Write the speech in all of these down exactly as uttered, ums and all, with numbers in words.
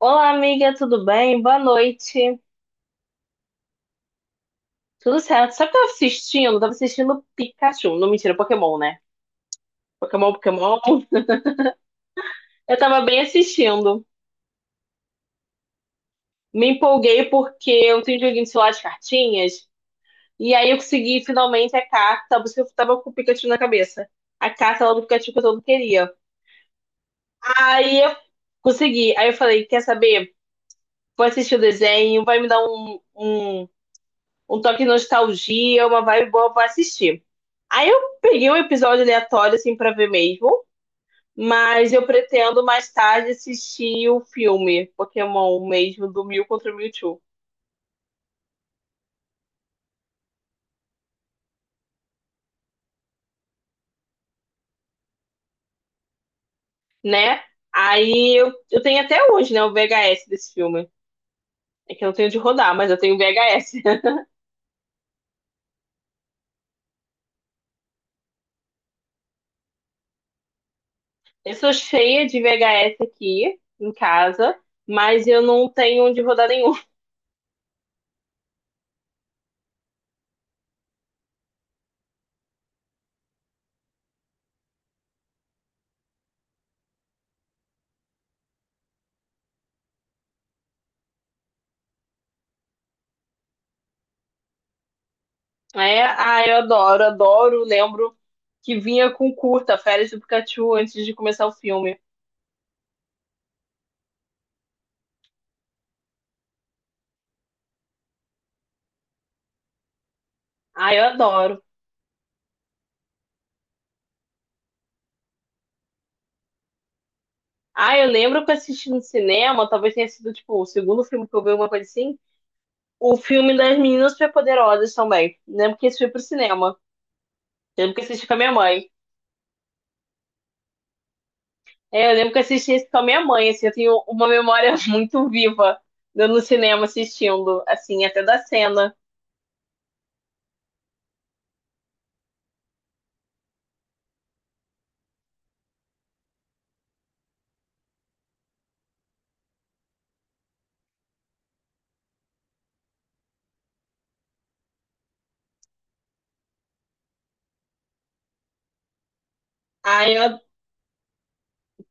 Olá, amiga, tudo bem? Boa noite. Tudo certo? Sabe o que eu tava assistindo? Eu tava assistindo Pikachu. Não, mentira, Pokémon, né? Pokémon, Pokémon. Eu tava bem assistindo. Me empolguei porque eu tenho um joguinho de celular de cartinhas. E aí eu consegui finalmente a carta, porque eu tava com o Pikachu na cabeça. A carta lá do Pikachu que eu todo queria. Aí eu consegui. Aí eu falei: quer saber? Vou assistir o desenho, vai me dar um, um, um toque de nostalgia, uma vibe boa, vou assistir. Aí eu peguei um episódio aleatório, assim, pra ver mesmo. Mas eu pretendo mais tarde assistir o filme Pokémon mesmo, do Mil contra o Mewtwo, né? Aí eu, eu tenho até hoje, né, o V H S desse filme. É que eu não tenho de rodar, mas eu tenho V H S. Eu sou cheia de V H S aqui em casa, mas eu não tenho de rodar nenhum. É, ah, eu adoro, adoro. Lembro que vinha com curta, Férias do Pikachu, antes de começar o filme. Ah, eu adoro. Ah, eu lembro que eu assisti no cinema, talvez tenha sido, tipo, o segundo filme que eu vi, alguma coisa assim. O filme das Meninas Superpoderosas também. Lembro que esse foi pro cinema. Lembro que assisti com a minha mãe. É, eu lembro que assisti esse com a minha mãe, assim, eu tenho uma memória muito viva de no cinema assistindo, assim, até da cena. Ah, eu...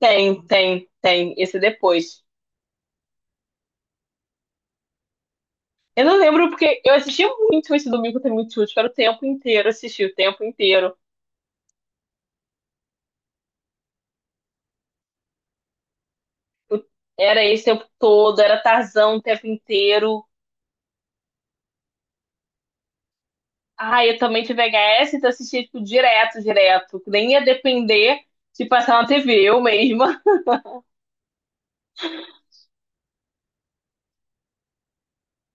Tem, tem, tem. Esse é depois. Eu não lembro porque eu assistia muito esse domingo tem muito útil, era o tempo inteiro, assisti o tempo inteiro. Eu- era esse o tempo todo, era Tarzão o tempo inteiro. Ah, eu também tive V H S, então assistia, tipo, direto, direto. Nem ia depender de passar na T V, eu mesma,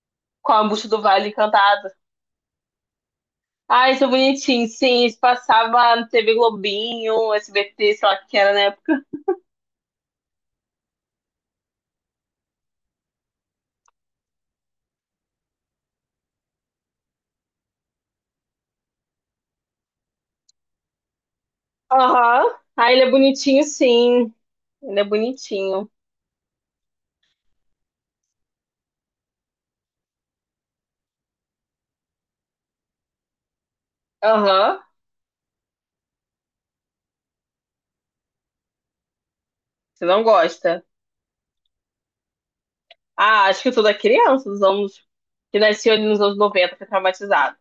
com a Bucha do Vale Encantado. Ah, isso é bonitinho. Sim, isso passava na T V Globinho, S B T, sei lá o que era na época. Aham. Ah, ele é bonitinho, sim. Ele é bonitinho. Aham. Você não gosta? Ah, acho que toda criança dos anos que nasceu ali nos anos noventa foi traumatizada.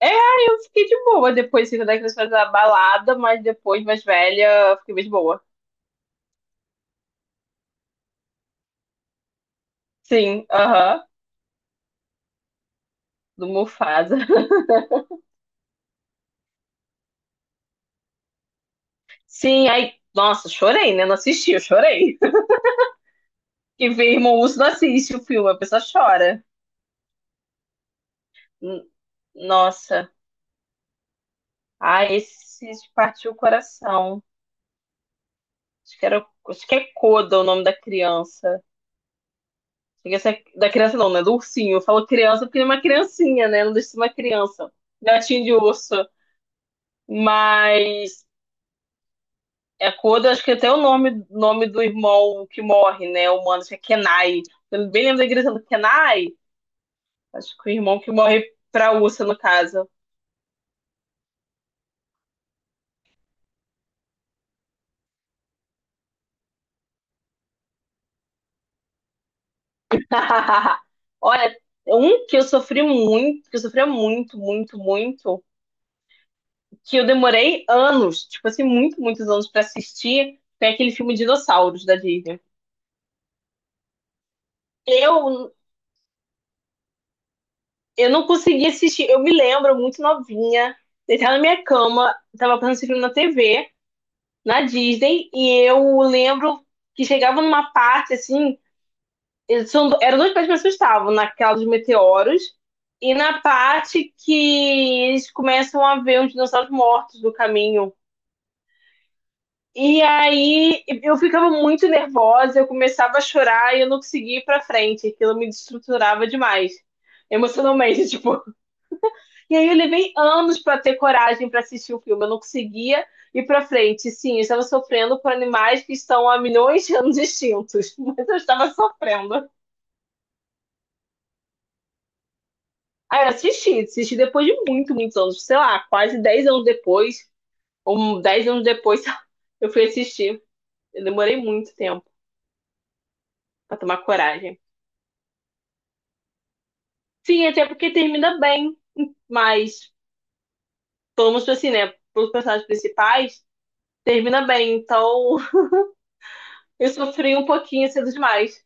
É, eu fiquei de boa depois, assim, quando a criança faz a balada, mas depois, mais velha, eu fiquei mais de boa. Sim, aham, do Mufasa. Sim, aí, nossa, chorei, né? Não assisti, eu chorei. Que ver Irmão Urso não assiste o filme, a pessoa chora. N- nossa, ah, esse partiu o coração. Acho que era, acho que é Coda o nome da criança. Chega a ser- da criança não, né? Do ursinho. Eu falo criança porque é uma criancinha, né? Não deixa de ser uma criança. Gatinho de urso. Mas é Coda, acho que até o nome, nome do irmão que morre, né? O mano, acho que é Kenai. Eu bem lembro da igreja do Kenai. Acho que o irmão que morre pra ursa, no caso. Olha, um que eu sofri muito, que eu sofria muito, muito, muito, que eu demorei anos, tipo assim, muito, muitos anos pra assistir, foi aquele filme Dinossauros da Disney. Eu, eu não consegui assistir, eu me lembro muito novinha, deitada na minha cama, tava passando esse filme na T V, na Disney, e eu lembro que chegava numa parte assim eles são, eram duas partes que me assustavam, naquela dos meteoros e na parte que eles começam a ver os dinossauros mortos no caminho. E aí eu ficava muito nervosa, eu começava a chorar e eu não conseguia ir pra frente. Aquilo me destruturava demais, emocionalmente, tipo. E aí eu levei anos pra ter coragem pra assistir o filme, eu não conseguia ir pra frente. Sim, eu estava sofrendo por animais que estão há milhões de anos extintos, mas eu estava sofrendo. Aí eu assisti, assisti depois de muito, muitos anos, sei lá, quase dez anos depois, ou dez anos depois, eu fui assistir. Eu demorei muito tempo pra tomar coragem. Sim, até porque termina bem, mas, pelo menos assim, né, pelos personagens principais, termina bem. Então, eu sofri um pouquinho cedo demais.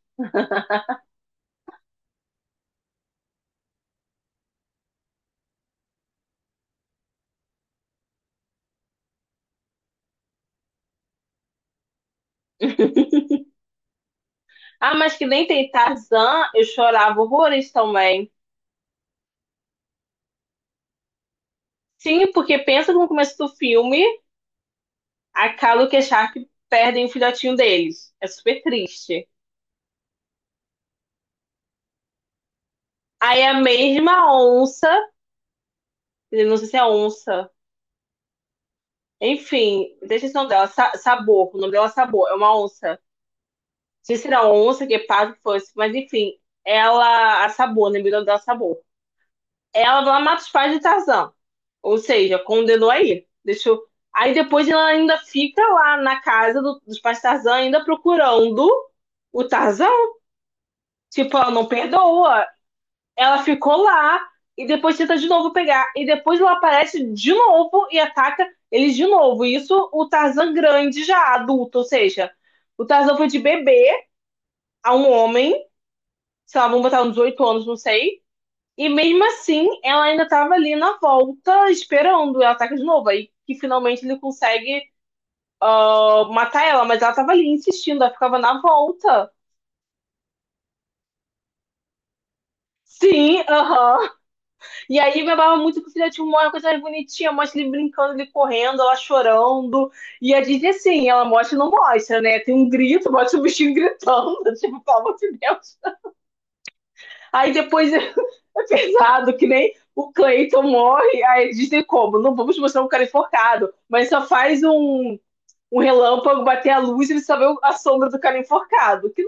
Ah, mas que nem tem Tarzan, eu chorava horrores também. Sim, porque pensa no começo do filme, a Calo e a Sharp perdem o filhotinho deles. É super triste. Aí a mesma onça, não sei se é onça, enfim, deixa esse nome dela, Sa- Sabor, o nome dela é Sabor, é uma onça. Não sei se era onça, guepardo, que fosse, mas enfim, ela, a Sabor, né, o nome dela é Sabor. Ela vai lá mata os pais de Tarzan, ou seja, condenou aí, deixou... Aí depois ela ainda fica lá na casa do- dos pais de Tarzan, ainda procurando o Tarzan. Tipo, ela não perdoa. Ela ficou lá e depois tenta de novo pegar. E depois ela aparece de novo e ataca eles de novo. Isso o Tarzan grande já, adulto, ou seja, o Tarzan foi de bebê a um homem, sei lá, vamos botar uns oito anos, não sei. E mesmo assim, ela ainda tava ali na volta, esperando. Ela ataca de novo. Aí que finalmente ele consegue ah, matar ela, mas ela tava ali insistindo, ela ficava na volta. Sim, aham. E aí babava muito pro filhotinho Moana, uma coisa mais bonitinha, mostra ele brincando, ele correndo, ela chorando. E a Disney, assim, ela mostra e não mostra, né? Tem um grito, mostra o bichinho gritando, tipo, pelo amor de Deus. Aí depois é é pesado, que nem o Clayton morre, aí a Disney como? Não vamos mostrar um cara enforcado, mas só faz um, um relâmpago bater a luz e ele só vê a sombra do cara enforcado. Que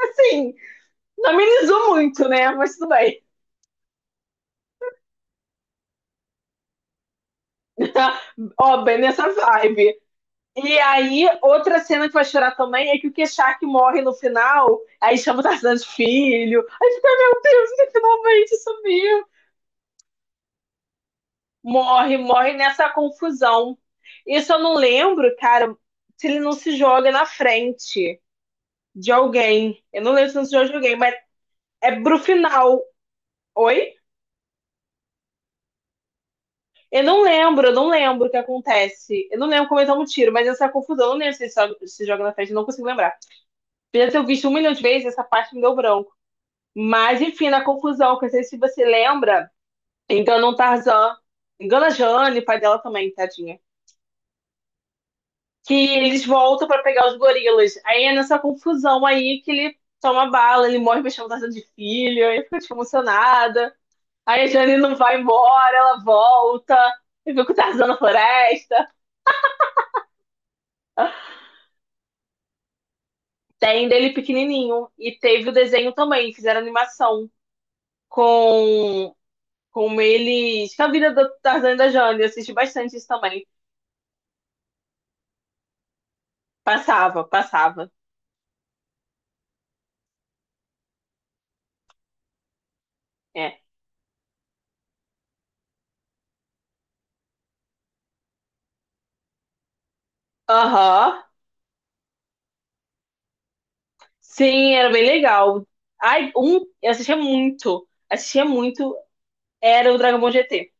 assim, não amenizou muito, né? Mas tudo bem. Ó, bem nessa vibe. E aí, outra cena que vai chorar também é que o Queixac morre no final, aí chama o Tarzan de filho, aí fica, meu Deus, ele finalmente sumiu. Morre, morre nessa confusão. Isso eu não lembro, cara, se ele não se joga na frente de alguém. Eu não lembro se não se joga de alguém, mas é pro final. Oi? Eu não lembro, eu não lembro o que acontece. Eu não lembro como ele toma um tiro, mas essa confusão, eu não lembro se ele se joga- na frente, eu não consigo lembrar. Apesar de eu ter visto um milhão de vezes, essa parte me deu branco. Mas, enfim, na confusão, que eu não sei se você lembra, engana um Tarzan, engana a Jane, pai dela também, tadinha. Que eles voltam pra pegar os gorilas. Aí é nessa confusão aí que ele toma bala, ele morre mexendo Tarzan de filho, aí fica tipo, emocionada. Aí a Jane não vai embora, ela volta. E que o Tarzan na floresta. Tem dele pequenininho. E teve o desenho também, fizeram animação com, com eles. Com a vida do Tarzan e da Jane. Eu assisti bastante isso também. Passava, passava. É. Aham. Sim, era bem legal. Ai, um, eu assistia muito. Assistia muito. Era o Dragon Ball G T.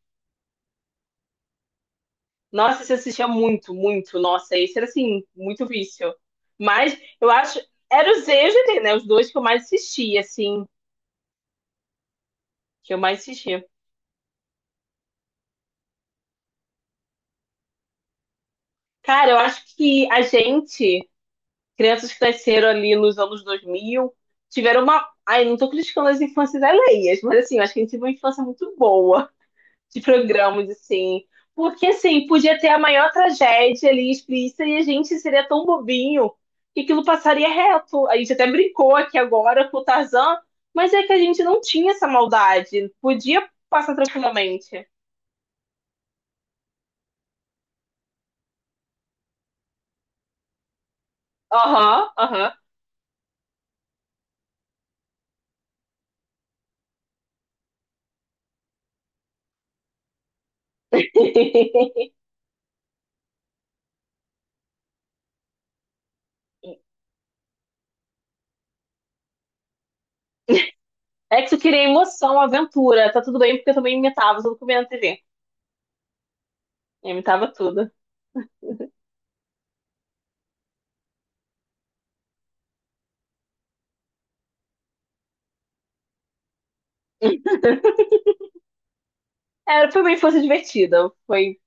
Nossa, você assistia muito, muito. Nossa, esse era assim, muito vício. Mas eu acho. Era o Z e o G T, né? Os dois que eu mais assistia, assim. Que eu mais assistia. Cara, eu acho que a gente, crianças que cresceram ali nos anos dois mil tiveram uma. Ai, não tô criticando as infâncias alheias, mas assim, eu acho que a gente teve uma infância muito boa. De programas, assim. Porque, assim, podia ter a maior tragédia ali explícita e a gente seria tão bobinho que aquilo passaria reto. A gente até brincou aqui agora com o Tarzan, mas é que a gente não tinha essa maldade. Podia passar tranquilamente. Aham, aham. É que tu queria emoção, aventura. Tá tudo bem, porque eu também imitava tudo que eu via na T V. Eu imitava tudo. É, foi uma foi divertida. Foi,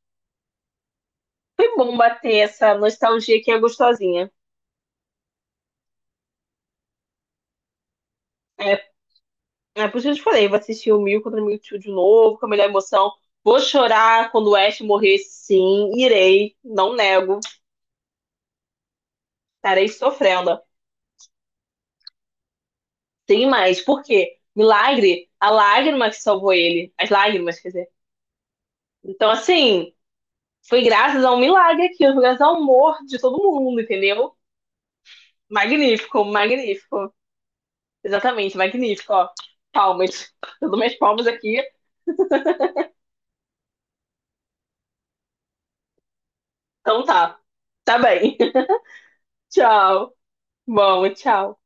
foi bom bater essa nostalgia que é gostosinha. É, é por isso que eu te falei, vou assistir o Mil contra o Mewtwo de novo, com a melhor emoção. Vou chorar quando o Ash morrer, sim, irei, não nego, estarei sofrendo. Tem mais, por quê? Milagre, a lágrima que salvou ele, as lágrimas, quer dizer. Então, assim, foi graças a um milagre aqui, foi graças ao amor de todo mundo, entendeu? Magnífico, magnífico. Exatamente, magnífico, ó. Palmas. Eu dou minhas palmas aqui, então tá. Tá bem. Tchau. Bom, tchau.